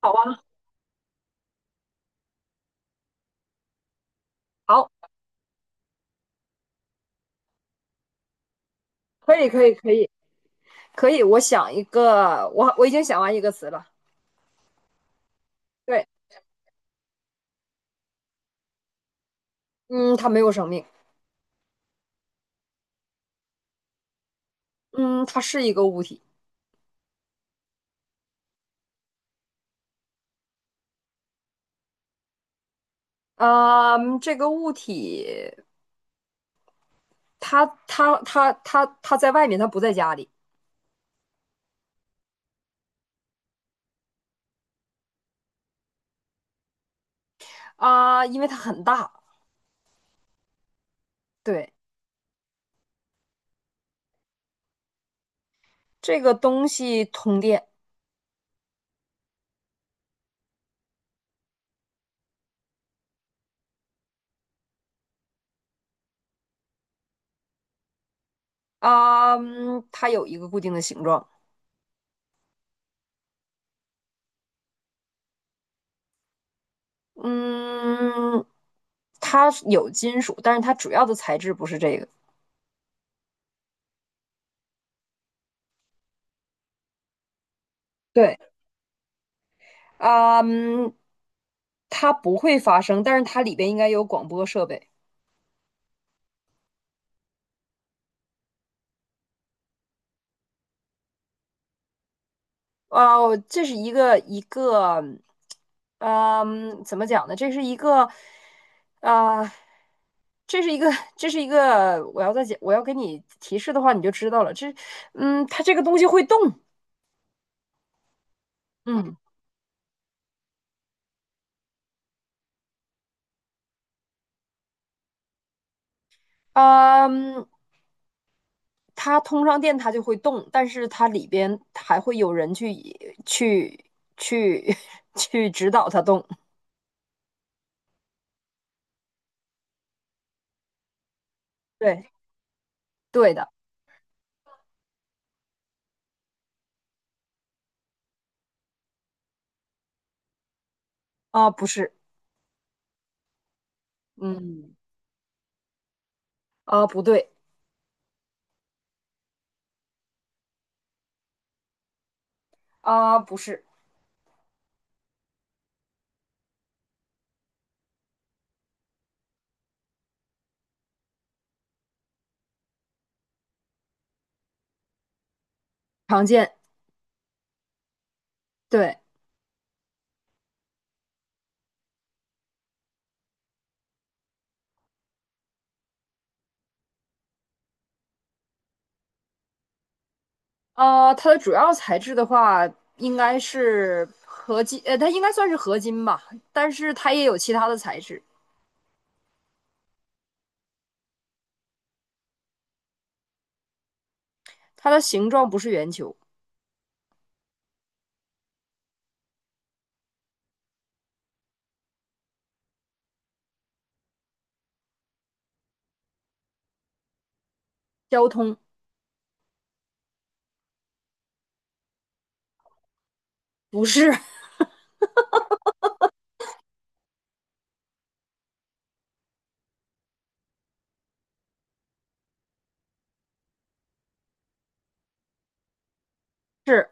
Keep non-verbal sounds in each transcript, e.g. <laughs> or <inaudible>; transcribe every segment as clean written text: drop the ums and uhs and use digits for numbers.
好啊，好，可以，可以，可以，可以。我想一个，我已经想完一个词了。对，嗯，它没有生命。嗯，它是一个物体。啊，这个物体，它在外面，它不在家里。啊，因为它很大。对，这个东西通电。啊，嗯它有一个固定的形状。嗯，它有金属，但是它主要的材质不是这个。对，啊嗯，它不会发声，但是它里边应该有广播设备。哦，这是一个一个，嗯，怎么讲呢？这是一个，啊、这是一个，这是一个，我要再讲，我要给你提示的话，你就知道了。它这个东西会动。嗯。嗯，它通上电它就会动，但是它里边还会有人去去去 <laughs> 去指导它动。对，对的。啊，不是。嗯，啊，不对。啊，不是。常见。对。啊，它的主要材质的话，应该是合金，它应该算是合金吧，但是它也有其他的材质。它的形状不是圆球。交通。不是。<laughs> 是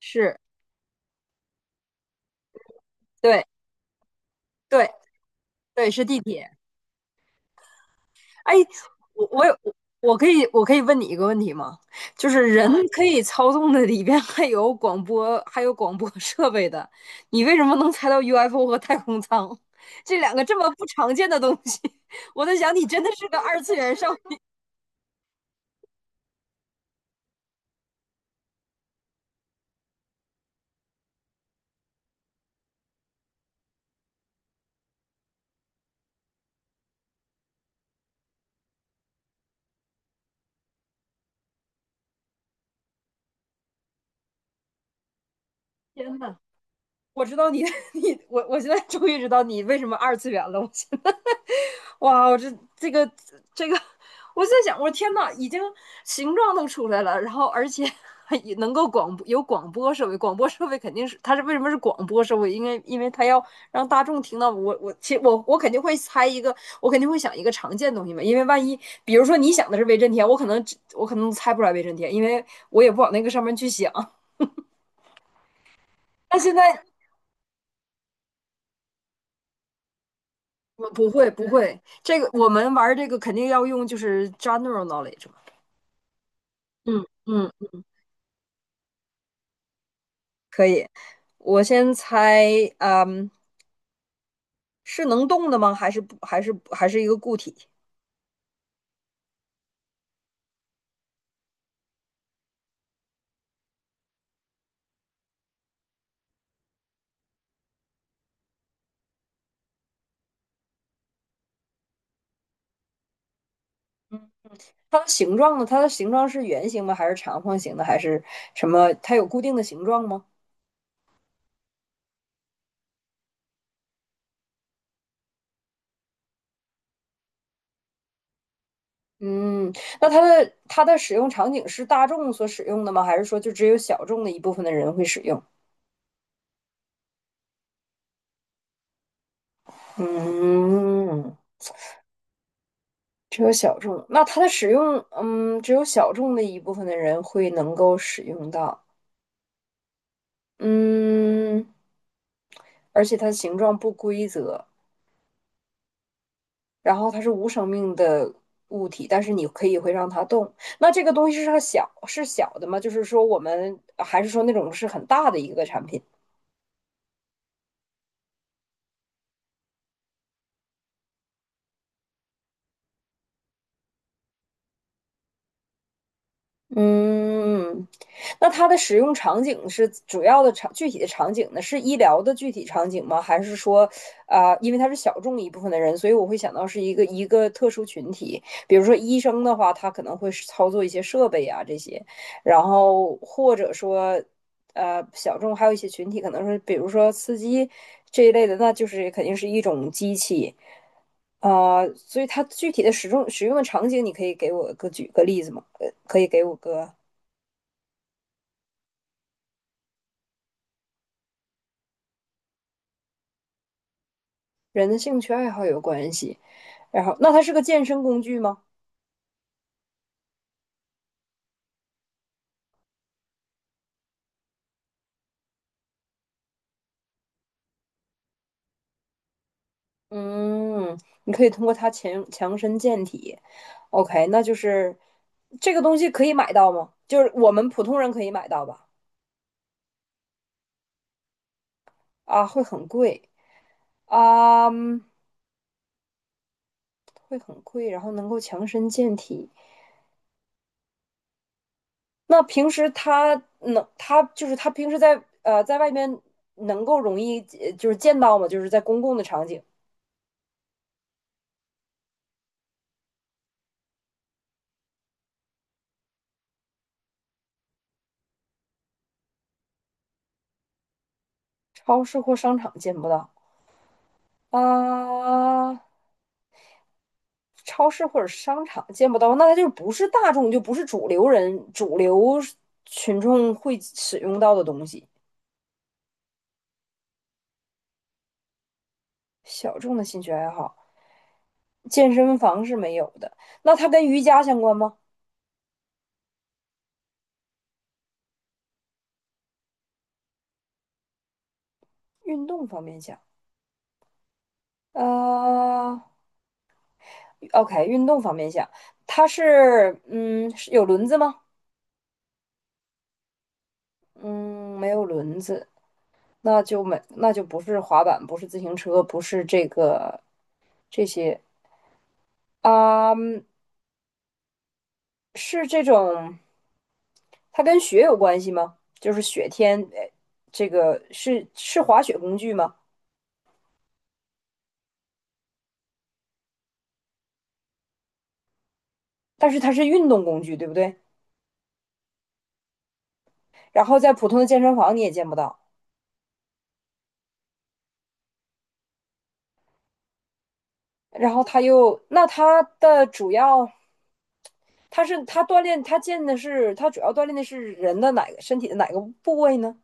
是，对对对，是地铁。哎，我我有我我可以问你一个问题吗？就是人可以操纵的里边还有广播，还有广播设备的，你为什么能猜到 UFO 和太空舱这两个这么不常见的东西？<laughs> 我在想，你真的是个二次元少。天呐，我知道你，<laughs> 我现在终于知道你为什么二次元了。哇，我这个，<laughs> 我在想，我天呐，已经形状都出来了，然后而且还也能够广播，有广播设备，广播设备肯定是，它是为什么是广播设备？因为它要让大众听到，我其实我肯定会猜一个，我肯定会想一个常见的东西嘛。因为万一比如说你想的是威震天，我可能猜不出来威震天，因为我也不往那个上面去想。<laughs> 但现在我不会，这个我们玩这个肯定要用就是 general knowledge 嘛。嗯嗯。可以，我先猜。嗯，是能动的吗？还是不？还是一个固体？它的形状呢？它的形状是圆形吗？还是长方形的？还是什么？它有固定的形状吗？嗯，那它的使用场景是大众所使用的吗？还是说就只有小众的一部分的人会使用？嗯，只有小众。那它的使用，嗯，只有小众的一部分的人会能够使用到。嗯，而且它的形状不规则。然后它是无生命的物体，但是你可以会让它动。那这个东西是它小，是小的吗？就是说我们，还是说那种是很大的一个产品？嗯，那它的使用场景是主要的，具体的场景呢？是医疗的具体场景吗？还是说，因为它是小众一部分的人，所以我会想到是一个，特殊群体，比如说医生的话，他可能会操作一些设备啊这些，然后或者说小众，还有一些群体可能是比如说司机这一类的，那就是肯定是一种机器。所以它具体的使用的场景，你可以给我个举个例子吗？可以给我个人的兴趣爱好有关系。然后，那它是个健身工具吗？嗯，你可以通过它强身健体。OK,那就是这个东西可以买到吗？就是我们普通人可以买到吧？啊，会很贵啊。嗯，会很贵，然后能够强身健体。那平时他就是他平时在外面能够容易就是见到吗？就是在公共的场景，超市或商场见不到。啊、呃超市或者商场见不到，那他就不是大众，就不是主流群众会使用到的东西。小众的兴趣爱好，健身房是没有的。那它跟瑜伽相关吗？运动方面讲。啊。OK,运动方面想。它是，有轮子吗？嗯，没有轮子。那就没，不是滑板，不是自行车，不是这个这些。啊，嗯，是这种，它跟雪有关系吗？就是雪天，这个是，滑雪工具吗？但是它是运动工具，对不对？然后在普通的健身房你也见不到，然后它又，那它的主要，他锻炼，他主要锻炼的是人的哪个，身体的哪个部位呢？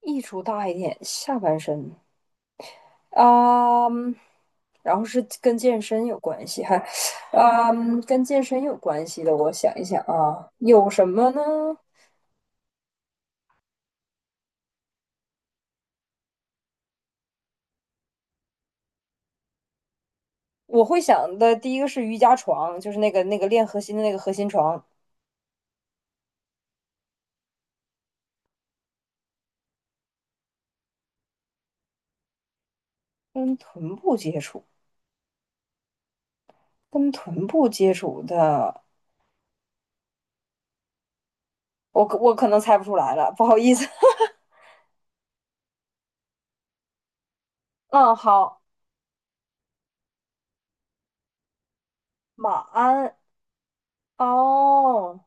益处大一点，下半身。啊、嗯然后是跟健身有关系，哈。跟健身有关系的，我想一想啊，有什么呢？我会想的第一个是瑜伽床，就是那个练核心的那个核心床。跟臀部接触，跟臀部接触的。我可能猜不出来了，不好意思。<laughs> 嗯，好。马鞍。哦。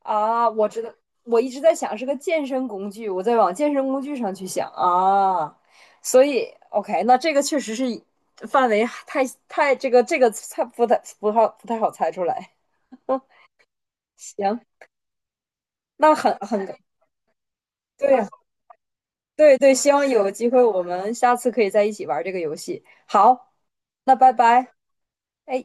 啊，我知道。我一直在想是个健身工具，我在往健身工具上去想啊，所以 OK,那这个确实是范围太，这个猜不太不好不太好猜出来。行，那很<laughs> 对呀，对对，希望有机会我们下次可以在一起玩这个游戏。好，那拜拜。哎。